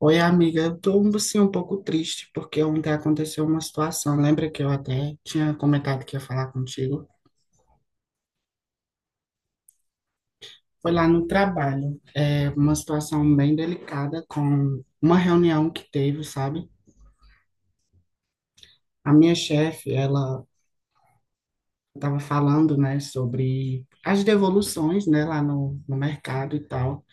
Oi, amiga, eu tô assim um pouco triste porque ontem aconteceu uma situação. Lembra que eu até tinha comentado que ia falar contigo? Foi lá no trabalho. É uma situação bem delicada com uma reunião que teve, sabe? A minha chefe, ela estava falando, né, sobre as devoluções, né, lá no mercado e tal.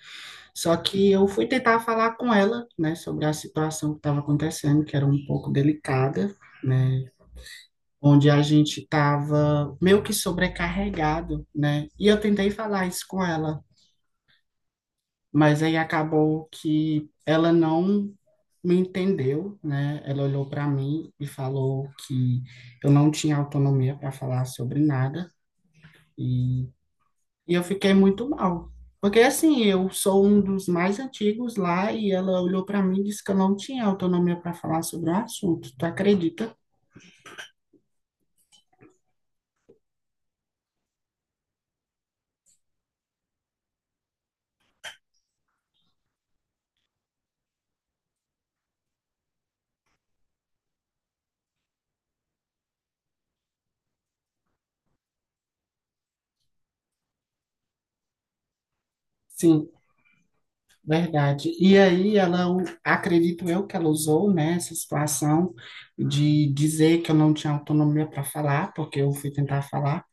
Só que eu fui tentar falar com ela, né, sobre a situação que estava acontecendo, que era um pouco delicada, né? Onde a gente estava meio que sobrecarregado, né? E eu tentei falar isso com ela, mas aí acabou que ela não me entendeu, né? Ela olhou para mim e falou que eu não tinha autonomia para falar sobre nada e, e eu fiquei muito mal. Porque assim, eu sou um dos mais antigos lá e ela olhou para mim e disse que eu não tinha autonomia para falar sobre o assunto. Tu acredita? Sim. Verdade. E aí ela, acredito eu que ela usou, né, essa situação de dizer que eu não tinha autonomia para falar, porque eu fui tentar falar,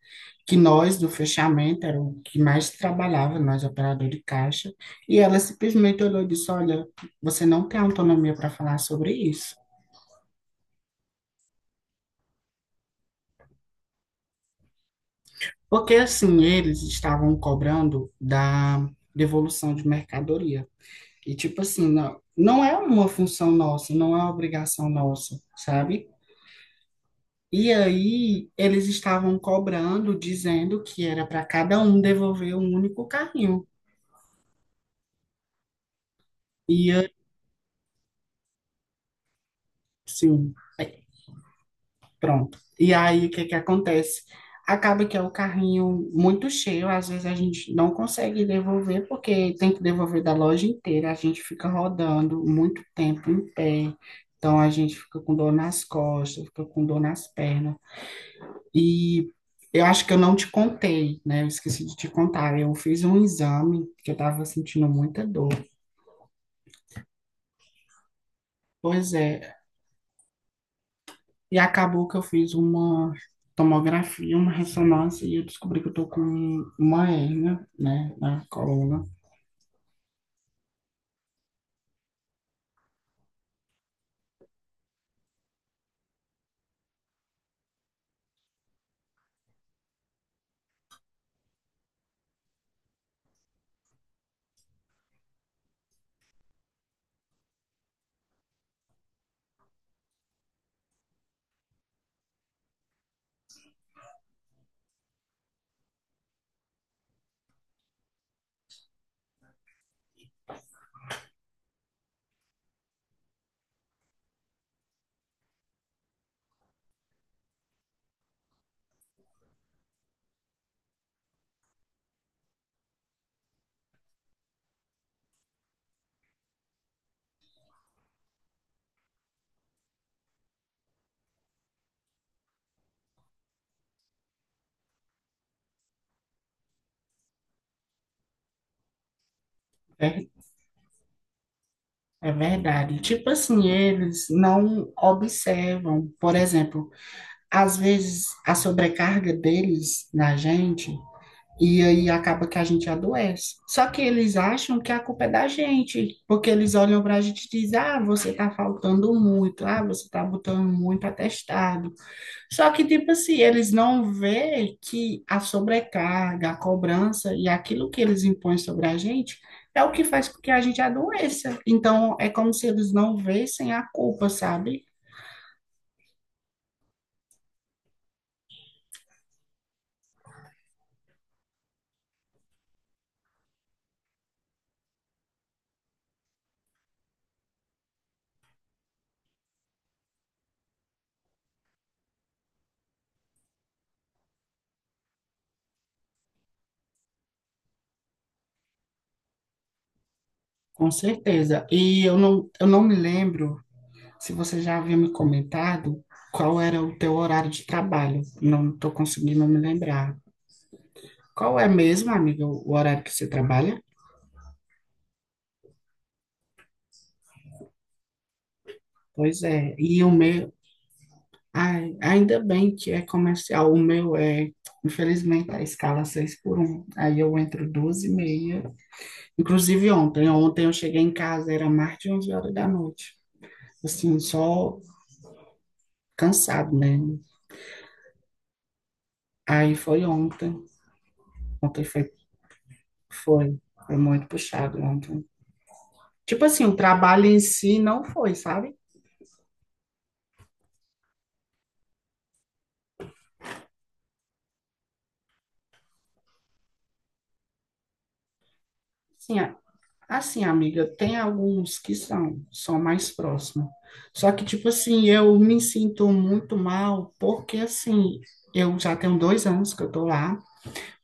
que nós do fechamento era o que mais trabalhava, nós operador de caixa, e ela simplesmente olhou e disse, olha, você não tem autonomia para falar sobre isso. Porque assim, eles estavam cobrando da devolução de mercadoria. E tipo assim, não, não é uma função nossa, não é uma obrigação nossa, sabe? E aí eles estavam cobrando, dizendo que era para cada um devolver um único carrinho. E assim, é, pronto. E aí o que que acontece? Acaba que é o carrinho muito cheio, às vezes a gente não consegue devolver porque tem que devolver da loja inteira, a gente fica rodando muito tempo em pé. Então a gente fica com dor nas costas, fica com dor nas pernas. E eu acho que eu não te contei, né? Eu esqueci de te contar. Eu fiz um exame que eu estava sentindo muita dor. Pois é. E acabou que eu fiz uma tomografia, uma ressonância e eu descobri que eu tô com uma hérnia, né, na coluna. É, é verdade. Tipo assim, eles não observam, por exemplo, às vezes a sobrecarga deles na gente. E aí acaba que a gente adoece. Só que eles acham que a culpa é da gente, porque eles olham para a gente e dizem: ah, você está faltando muito, ah, você está botando muito atestado. Só que, tipo assim, eles não vê que a sobrecarga, a cobrança e aquilo que eles impõem sobre a gente é o que faz com que a gente adoeça. Então, é como se eles não vissem a culpa, sabe? Com certeza. E eu não me lembro se você já havia me comentado qual era o teu horário de trabalho, não estou conseguindo me lembrar. Qual é mesmo, amiga, o horário que você trabalha? Pois é, e o meu, ai, ainda bem que é comercial, o meu é, infelizmente, a escala 6x1. Aí eu entro 2h30, inclusive ontem, ontem eu cheguei em casa, era mais de 11 horas da noite, assim, só cansado, né? Aí foi ontem, ontem foi, foi muito puxado ontem. Tipo assim, o trabalho em si não foi, sabe? Assim, assim, amiga, tem alguns que são mais próximos. Só que, tipo assim, eu me sinto muito mal, porque assim, eu já tenho 2 anos que eu tô lá,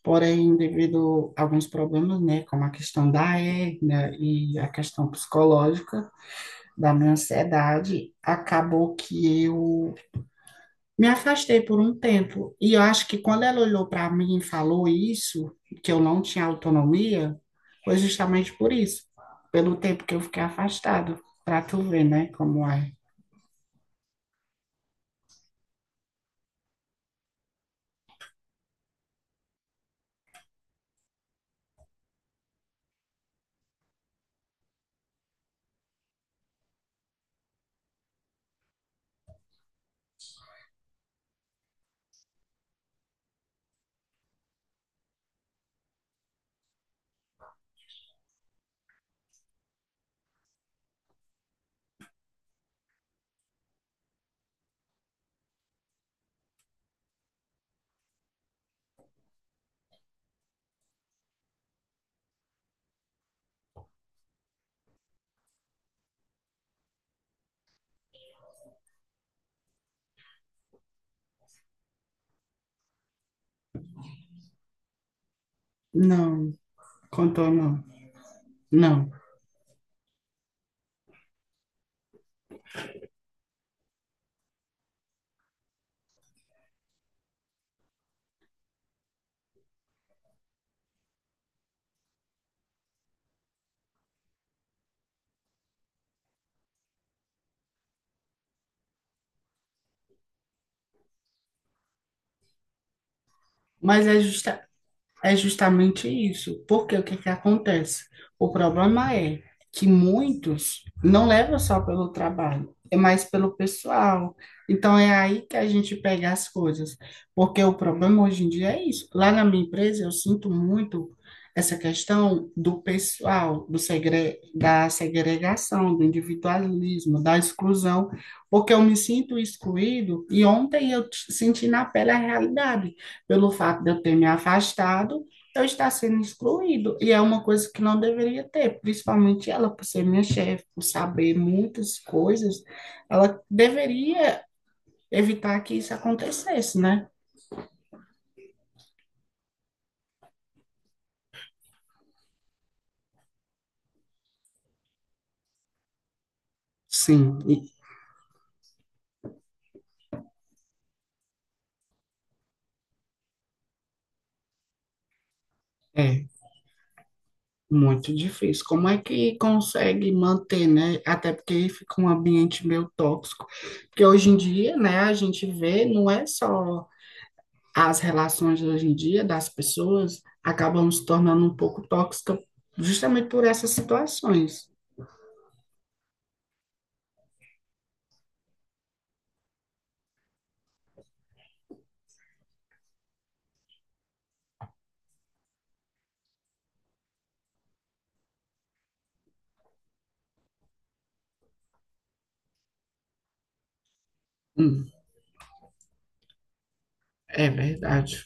porém, devido a alguns problemas, né, como a questão da hérnia e a questão psicológica da minha ansiedade, acabou que eu me afastei por um tempo. E eu acho que quando ela olhou para mim e falou isso, que eu não tinha autonomia, foi justamente por isso, pelo tempo que eu fiquei afastado, para tu ver, né, como é. Não, contou não. Não. Mas é justa, é justamente isso. Porque o que que acontece? O problema é que muitos não levam só pelo trabalho, é mais pelo pessoal. Então é aí que a gente pega as coisas. Porque o problema hoje em dia é isso. Lá na minha empresa eu sinto muito essa questão do pessoal, da segregação, do individualismo, da exclusão, porque eu me sinto excluído e ontem eu senti na pele a realidade pelo fato de eu ter me afastado, eu estar sendo excluído. E é uma coisa que não deveria ter, principalmente ela, por ser minha chefe, por saber muitas coisas, ela deveria evitar que isso acontecesse, né? Sim, é muito difícil. Como é que consegue manter, né? Até porque fica um ambiente meio tóxico. Porque hoje em dia, né, a gente vê, não é só as relações hoje em dia das pessoas acabam se tornando um pouco tóxicas justamente por essas situações. Hum, é verdade.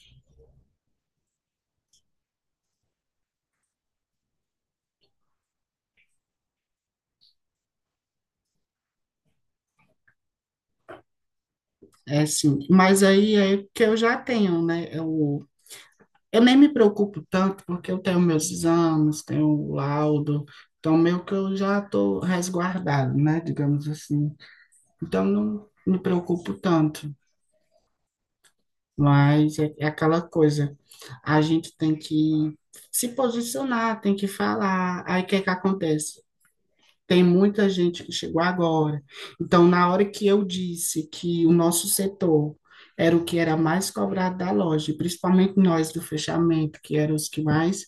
É sim. Mas aí é que eu já tenho, né? Eu nem me preocupo tanto, porque eu tenho meus exames, tenho o laudo, então meio que eu já estou resguardado, né? Digamos assim. Então não me preocupo tanto. Mas é aquela coisa, a gente tem que se posicionar, tem que falar. Aí o que é que acontece? Tem muita gente que chegou agora. Então, na hora que eu disse que o nosso setor era o que era mais cobrado da loja, principalmente nós do fechamento, que eram os que mais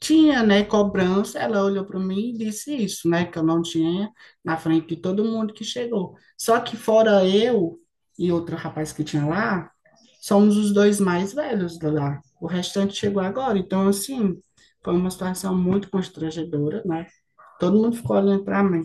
tinha, né, cobrança, ela olhou para mim e disse isso, né, que eu não tinha, na frente de todo mundo que chegou. Só que fora eu e outro rapaz que tinha lá, somos os dois mais velhos de lá. O restante chegou agora, então assim, foi uma situação muito constrangedora, né? Todo mundo ficou olhando para mim.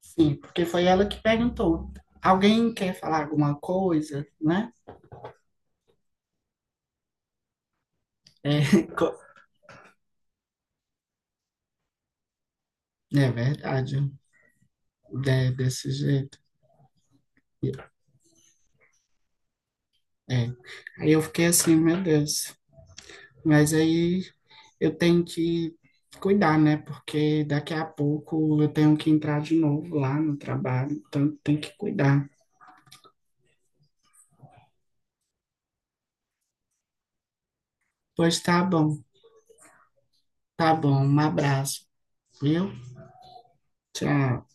Sim, porque foi ela que perguntou. Alguém quer falar alguma coisa, né? É, co- é verdade, é desse jeito. É. Aí eu fiquei assim, meu Deus. Mas aí eu tenho que cuidar, né? Porque daqui a pouco eu tenho que entrar de novo lá no trabalho, então tem que cuidar. Pois tá bom, tá bom. Um abraço, viu? Tchau.